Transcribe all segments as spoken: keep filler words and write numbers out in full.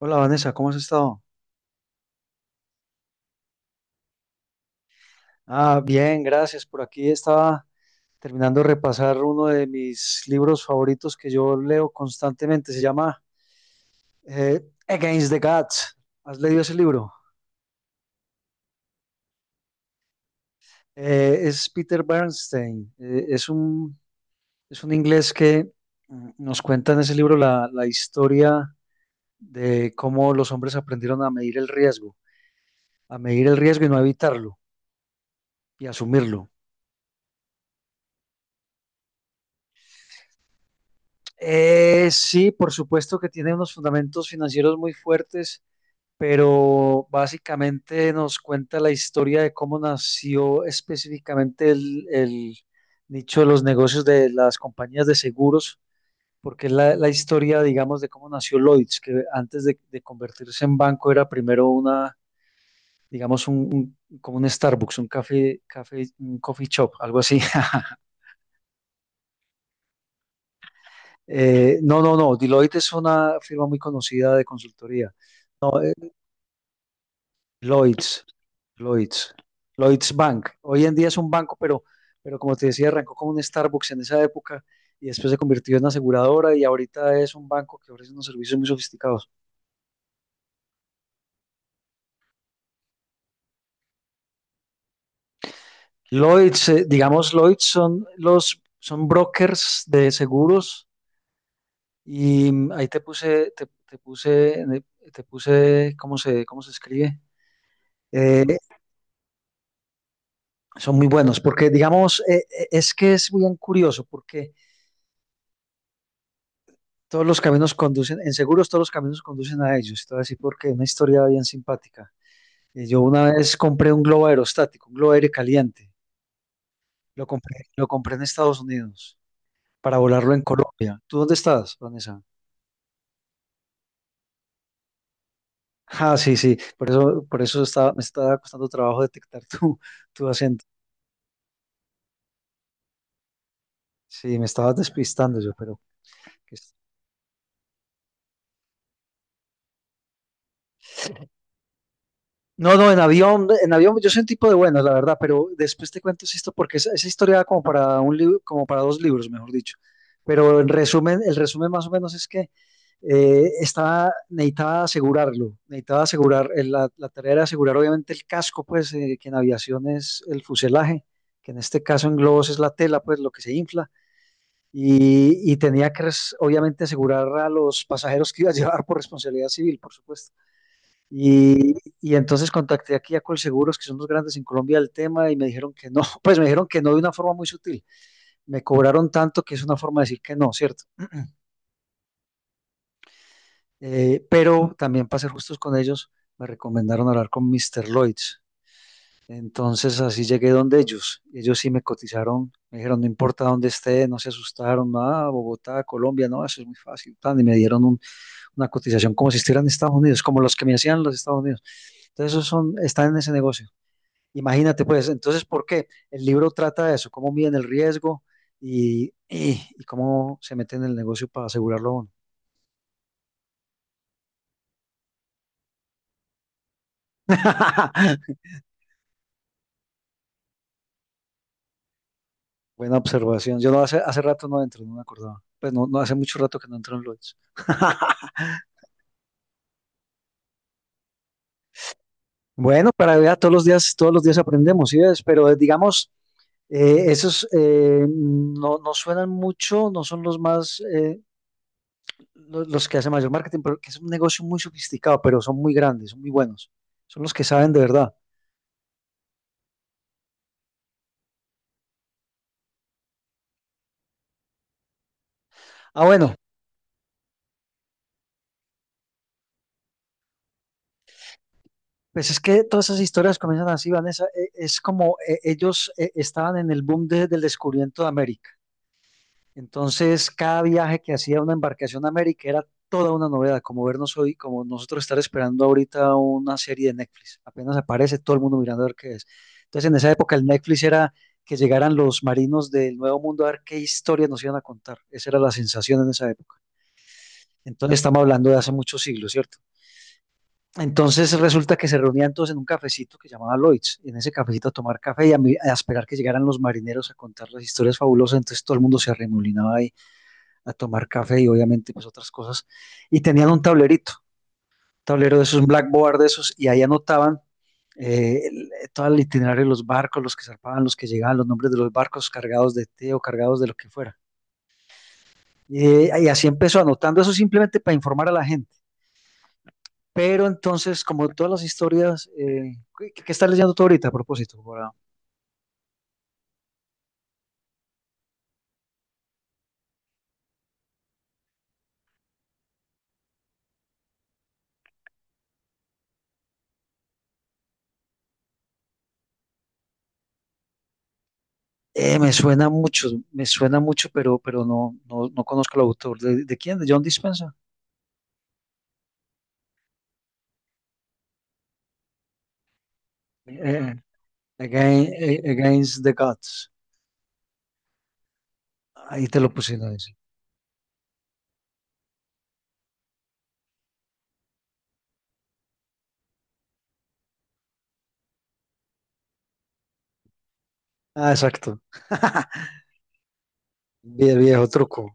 Hola Vanessa, ¿cómo has estado? Ah, bien, gracias. Por aquí estaba terminando de repasar uno de mis libros favoritos que yo leo constantemente. Se llama eh, Against the Gods. ¿Has leído ese libro? Eh, es Peter Bernstein. Eh, es un, es un inglés que mm, nos cuenta en ese libro la, la historia de cómo los hombres aprendieron a medir el riesgo, a medir el riesgo y no evitarlo y asumirlo. Eh, sí, por supuesto que tiene unos fundamentos financieros muy fuertes, pero básicamente nos cuenta la historia de cómo nació específicamente el, el nicho de los negocios de las compañías de seguros, porque es la, la historia, digamos, de cómo nació Lloyds, que antes de, de convertirse en banco era primero una, digamos, un, un- como un Starbucks, un café, café, un coffee shop, algo así. Eh, no, no, no, Deloitte es una firma muy conocida de consultoría. Lloyds, Lloyds, Lloyds Bank. Hoy en día es un banco, pero, pero como te decía, arrancó como un Starbucks en esa época y después se convirtió en una aseguradora y ahorita es un banco que ofrece unos servicios muy sofisticados. Lloyds, eh, digamos, Lloyds son los son brokers de seguros y mm, ahí te puse, te, te puse, en el- te puse, ¿cómo se, cómo se escribe? Eh, Son muy buenos porque, digamos, eh, eh, es que es bien curioso porque todos los caminos conducen, en seguros todos los caminos conducen a ellos. Te voy a decir porque una historia bien simpática. Eh, Yo una vez compré un globo aerostático, un globo aire caliente. Lo compré, lo compré en Estados Unidos para volarlo en Colombia. ¿Tú dónde estás, Vanessa? Ah, sí, sí. Por eso, por eso estaba, me estaba costando trabajo detectar tu, tu acento. Sí, me estabas despistando yo, pero no, no, en avión, en avión yo soy un tipo de buenas, la verdad, pero después te cuento esto porque esa, esa historia da como para un libro, como para dos libros, mejor dicho. Pero en resumen, el resumen más o menos es que eh, estaba, necesitaba asegurarlo, necesitaba asegurar, eh, la, la tarea era asegurar obviamente el casco, pues, eh, que en aviación es el fuselaje, que en este caso en globos es la tela, pues, lo que se infla, y, y tenía que res- obviamente asegurar a los pasajeros que iba a llevar por responsabilidad civil, por supuesto. Y, y entonces contacté aquí a Colseguros, que son los grandes en Colombia del tema, y me dijeron que no, pues me dijeron que no de una forma muy sutil. Me cobraron tanto que es una forma de decir que no, ¿cierto? Eh, pero también para ser justos con ellos, me recomendaron hablar con míster Lloyds. Entonces así llegué donde ellos. Ellos sí me cotizaron, me dijeron, no importa dónde esté, no se asustaron, nada, Bogotá, Colombia, no, eso es muy fácil. Tan, y me dieron un- una cotización como si estuvieran en Estados Unidos, como los que me hacían los Estados Unidos. Entonces esos son, están en ese negocio. Imagínate, pues, entonces, ¿por qué? El libro trata de eso, cómo miden el riesgo y, y- y cómo se meten en el negocio para asegurarlo uno. Buena observación. Yo no hace, hace rato no entro, no me acordaba. Pues no, no hace mucho rato que no entro en Lloyds. Bueno, para ver, todos los días, todos los días aprendemos, ¿sí ves? Pero eh, digamos, eh, esos eh, no, no suenan mucho, no son los más, eh, lo- los, que hacen mayor marketing, pero que es un negocio muy sofisticado, pero son muy grandes, son muy buenos. Son los que saben de verdad. Ah, bueno, pues es que todas esas historias comienzan así, Vanessa. e- Es como eh, ellos eh, estaban en el boom de- del descubrimiento de América. Entonces, cada viaje que hacía una embarcación a América era toda una novedad, como vernos hoy, como nosotros estar esperando ahorita una serie de Netflix. Apenas aparece todo el mundo mirando a ver qué es. Entonces, en esa época el Netflix era que llegaran los marinos del Nuevo Mundo a ver qué historias nos iban a contar. Esa era la sensación en esa época. Entonces, estamos hablando de hace muchos siglos, ¿cierto? Entonces resulta que se reunían todos en un cafecito que llamaba Lloyd's, en ese cafecito a tomar café y a, mi- a esperar que llegaran los marineros a contar las historias fabulosas, entonces todo el mundo se arremolinaba ahí a tomar café y obviamente pues otras cosas, y tenían un tablerito, tablero de esos, un blackboard de esos, y ahí anotaban eh, el- todo el itinerario de los barcos, los que zarpaban, los que llegaban, los nombres de los barcos cargados de té o cargados de lo que fuera. Eh, y así empezó anotando eso simplemente para informar a la gente. Pero entonces, como todas las historias, eh, ¿qué, qué estás leyendo tú ahorita a propósito? Para- Eh, me suena mucho, me suena mucho, pero, pero no, no, no conozco el autor. ¿De, de quién? ¿De John Dispenza? Eh, Again- eh, Against the Gods. Ahí te lo puse, ¿no? Dice. Ah, exacto. Vie- viejo truco.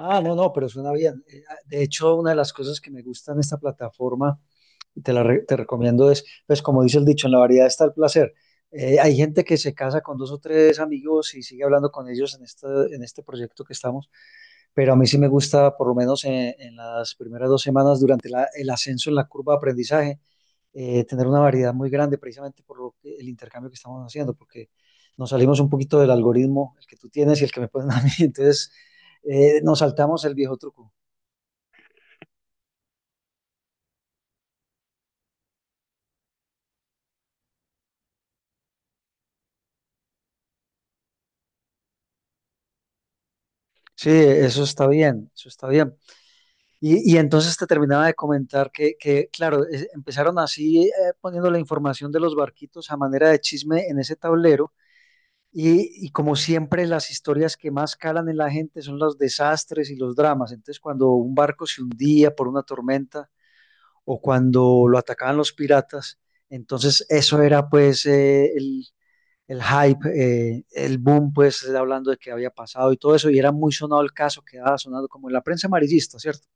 Ah, no, no, pero suena bien. Eh, De hecho, una de las cosas que me gusta en esta plataforma te, la re- te recomiendo es, pues como dice el dicho, en la variedad está el placer. Eh, hay gente que se casa con dos o tres amigos y sigue hablando con ellos en este, en este proyecto que estamos, pero a mí sí me gusta, por lo menos en, en las primeras dos semanas, durante la- el ascenso en la curva de aprendizaje, eh, tener una variedad muy grande precisamente por lo que- el intercambio que estamos haciendo, porque nos salimos un poquito del algoritmo, el que tú tienes y el que me ponen a mí, entonces eh, nos saltamos el viejo truco. Sí, eso está bien, eso está bien. Y, y entonces te terminaba de comentar que, que, claro, es- empezaron así eh, poniendo la información de los barquitos a manera de chisme en ese tablero y, y como siempre las historias que más calan en la gente son los desastres y los dramas. Entonces cuando un barco se hundía por una tormenta o cuando lo atacaban los piratas, entonces eso era pues eh, el, el hype, eh, el boom pues hablando de que había pasado y todo eso y era muy sonado el caso, quedaba sonado como en la prensa amarillista, ¿cierto?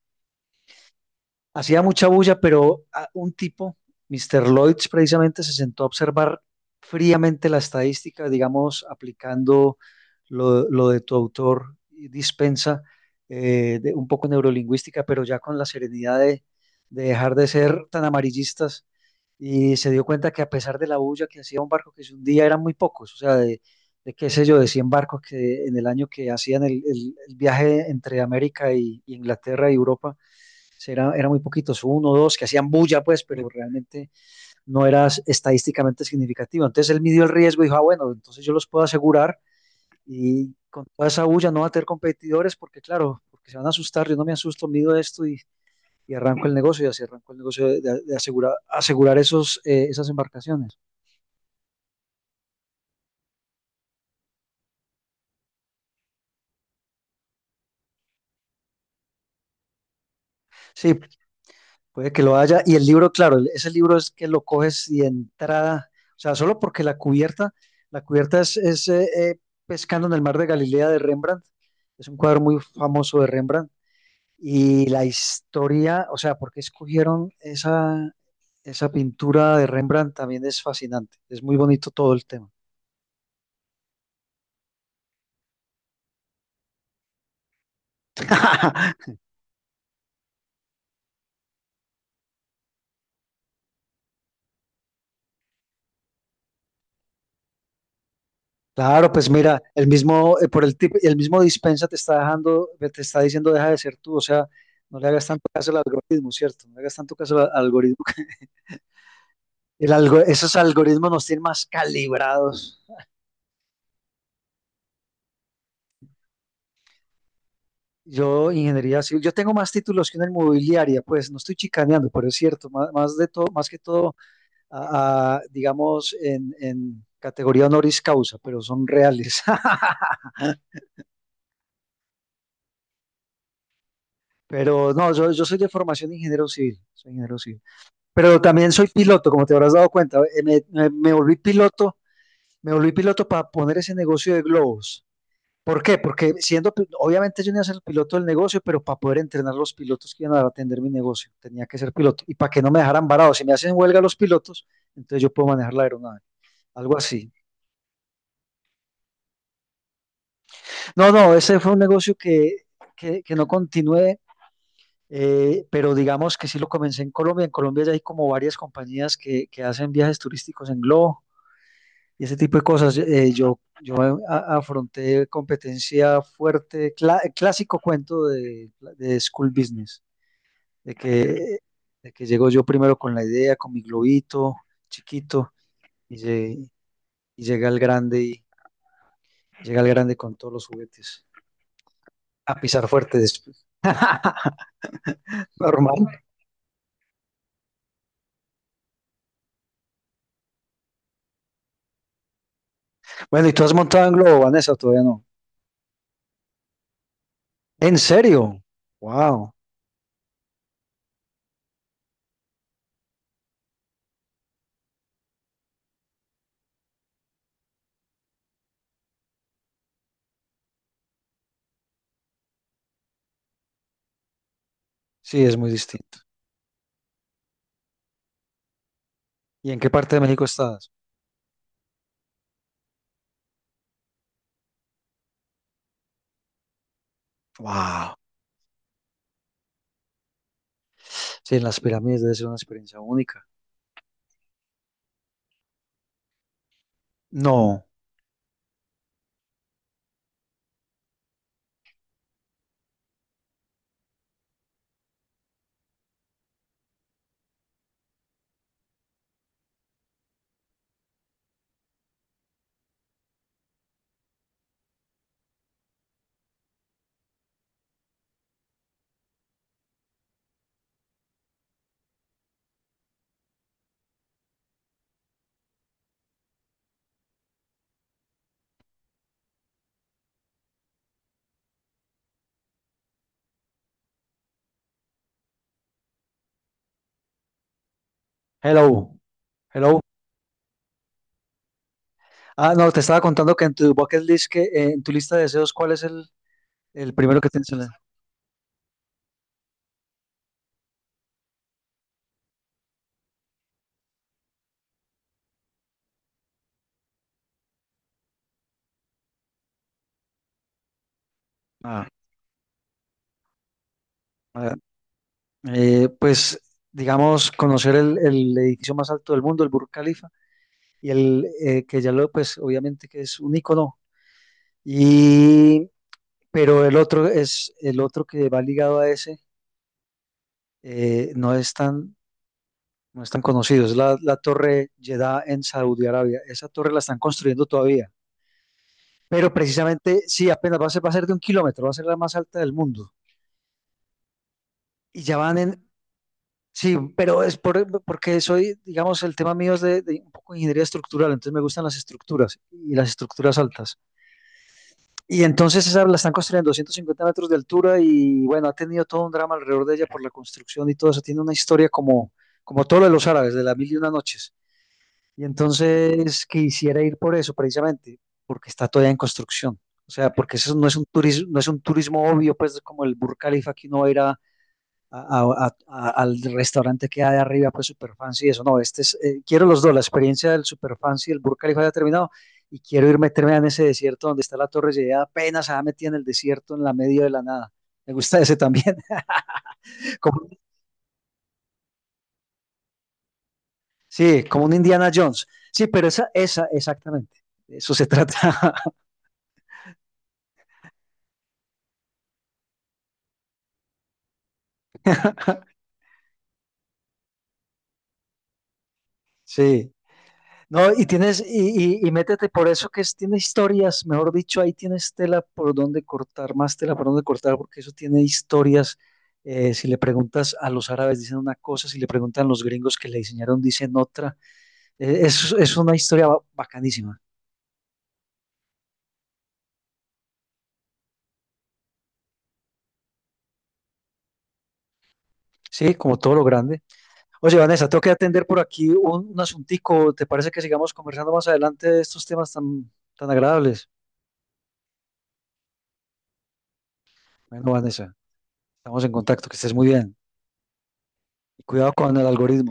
Hacía mucha bulla, pero ah, un tipo, Mister Lloyds, precisamente se sentó a observar fríamente la estadística, digamos, aplicando lo, lo de tu autor dispensa, eh, de- un poco neurolingüística, pero ya con la serenidad de, de dejar de ser tan amarillistas y se dio cuenta que a pesar de la bulla que hacía un barco que se hundía, eran muy pocos, o sea, de, de qué sé yo, de cien barcos que en el año que hacían el, el- el viaje entre América y y Inglaterra y Europa era, era muy poquitos, uno o dos que hacían bulla, pues, pero realmente no era estadísticamente significativo. Entonces él midió el riesgo y dijo, ah, bueno, entonces yo los puedo asegurar y con toda esa bulla no va a tener competidores porque, claro, porque se van a asustar, yo no me asusto, mido esto y, y arranco el negocio y así arranco el negocio de, de asegurar, asegurar esos, eh, esas embarcaciones. Sí, puede que lo haya. Y el libro, claro, el- ese libro es que lo coges y de entrada, o sea, solo porque la cubierta, la cubierta es, es, eh, eh, Pescando en el mar de Galilea de Rembrandt. Es un cuadro muy famoso de Rembrandt. Y la historia, o sea, porque escogieron esa, esa pintura de Rembrandt también es fascinante. Es muy bonito todo el tema. Claro, pues mira, el mismo, eh, por el tip- el mismo dispensa te está dejando, te está diciendo deja de ser tú, o sea, no le hagas tanto caso al algoritmo, ¿cierto? No le hagas tanto caso al algoritmo. El algo- esos algoritmos nos tienen más calibrados. Yo, ingeniería civil, yo tengo más títulos que una inmobiliaria, pues no estoy chicaneando, pero es cierto, más, más de todo, más que todo, a- a, digamos, en, en categoría honoris causa, pero son reales. Pero no, yo, yo soy de formación de ingeniero civil, soy ingeniero civil. Pero también soy piloto, como te habrás dado cuenta. Eh, Me, me- me volví piloto, me volví piloto para poner ese negocio de globos. ¿Por qué? Porque siendo, pi- obviamente yo no iba a ser el piloto del negocio, pero para poder entrenar los pilotos que iban a atender mi negocio, tenía que ser piloto. Y para que no me dejaran varado, si me hacen huelga los pilotos, entonces yo puedo manejar la aeronave, algo así. No, no, ese fue un negocio que, que, que no continué, eh, pero digamos que sí lo comencé en Colombia. En Colombia ya hay como varias compañías que, que hacen viajes turísticos en globo y ese tipo de cosas. Eh, yo yo a- afronté competencia fuerte, cla- clásico cuento de, de School Business, de que, de que llego yo primero con la idea, con mi globito chiquito, y, lle- y llega el grande y llega el grande con todos los juguetes. A pisar fuerte después. Normal. Bueno, ¿y tú has montado en globo, Vanessa? ¿O todavía no? ¿En serio? Wow. Sí, es muy distinto. ¿Y en qué parte de México estás? Wow. Sí, en las pirámides debe ser una experiencia única. No. Hello, hello. Ah, no, te estaba contando que en tu bucket list, que, eh, en tu lista de deseos, ¿cuál es el, el primero que tienes en la...? Ah, ah, eh, pues, digamos, conocer el, el edificio más alto del mundo, el Burj Khalifa, y el eh, que ya lo, pues, obviamente, que es un icono. Y pero el otro es, el otro que va ligado a ese, eh, no es tan, no es tan conocido, es la, la Torre Jeddah en Saudi Arabia. Esa torre la están construyendo todavía. Pero precisamente, sí, apenas va a ser, va a ser de un kilómetro, va a ser la más alta del mundo. Y ya van en, sí, pero es por, porque soy, digamos, el tema mío es de, de un poco de ingeniería estructural, entonces me gustan las estructuras y las estructuras altas. Y entonces esa la están construyendo a doscientos cincuenta metros de altura y bueno, ha tenido todo un drama alrededor de ella por la construcción y todo eso. Tiene una historia como, como todo lo de los árabes, de la mil y una noches. Y entonces quisiera ir por eso precisamente, porque está todavía en construcción. O sea, porque eso no es un turismo, no es un turismo obvio, pues como el Burj Khalifa que uno va a ir a- a- a- a- al restaurante que hay arriba, pues super fancy y eso. No, este es, eh, quiero los dos, la experiencia del super fancy y el Burj Khalifa ya terminado. Y quiero ir meterme en ese desierto donde está la Torre Eiffel, apenas se va metida en el desierto, en la medio de la nada. Me gusta ese también. Como, sí, como un Indiana Jones. Sí, pero esa, esa, exactamente. De eso se trata. Sí. No, y tienes, y, y, y métete por eso, que es, tiene historias, mejor dicho, ahí tienes tela por donde cortar, más tela por donde cortar, porque eso tiene historias. Eh, si le preguntas a los árabes, dicen una cosa, si le preguntan a los gringos que le diseñaron, dicen otra. Eh, es, es una historia ba- bacanísima, sí, como todo lo grande. Oye, Vanessa, tengo que atender por aquí un, un asuntico. ¿Te parece que sigamos conversando más adelante de estos temas tan, tan agradables? Bueno, Vanessa, estamos en contacto, que estés muy bien. Y cuidado con el algoritmo.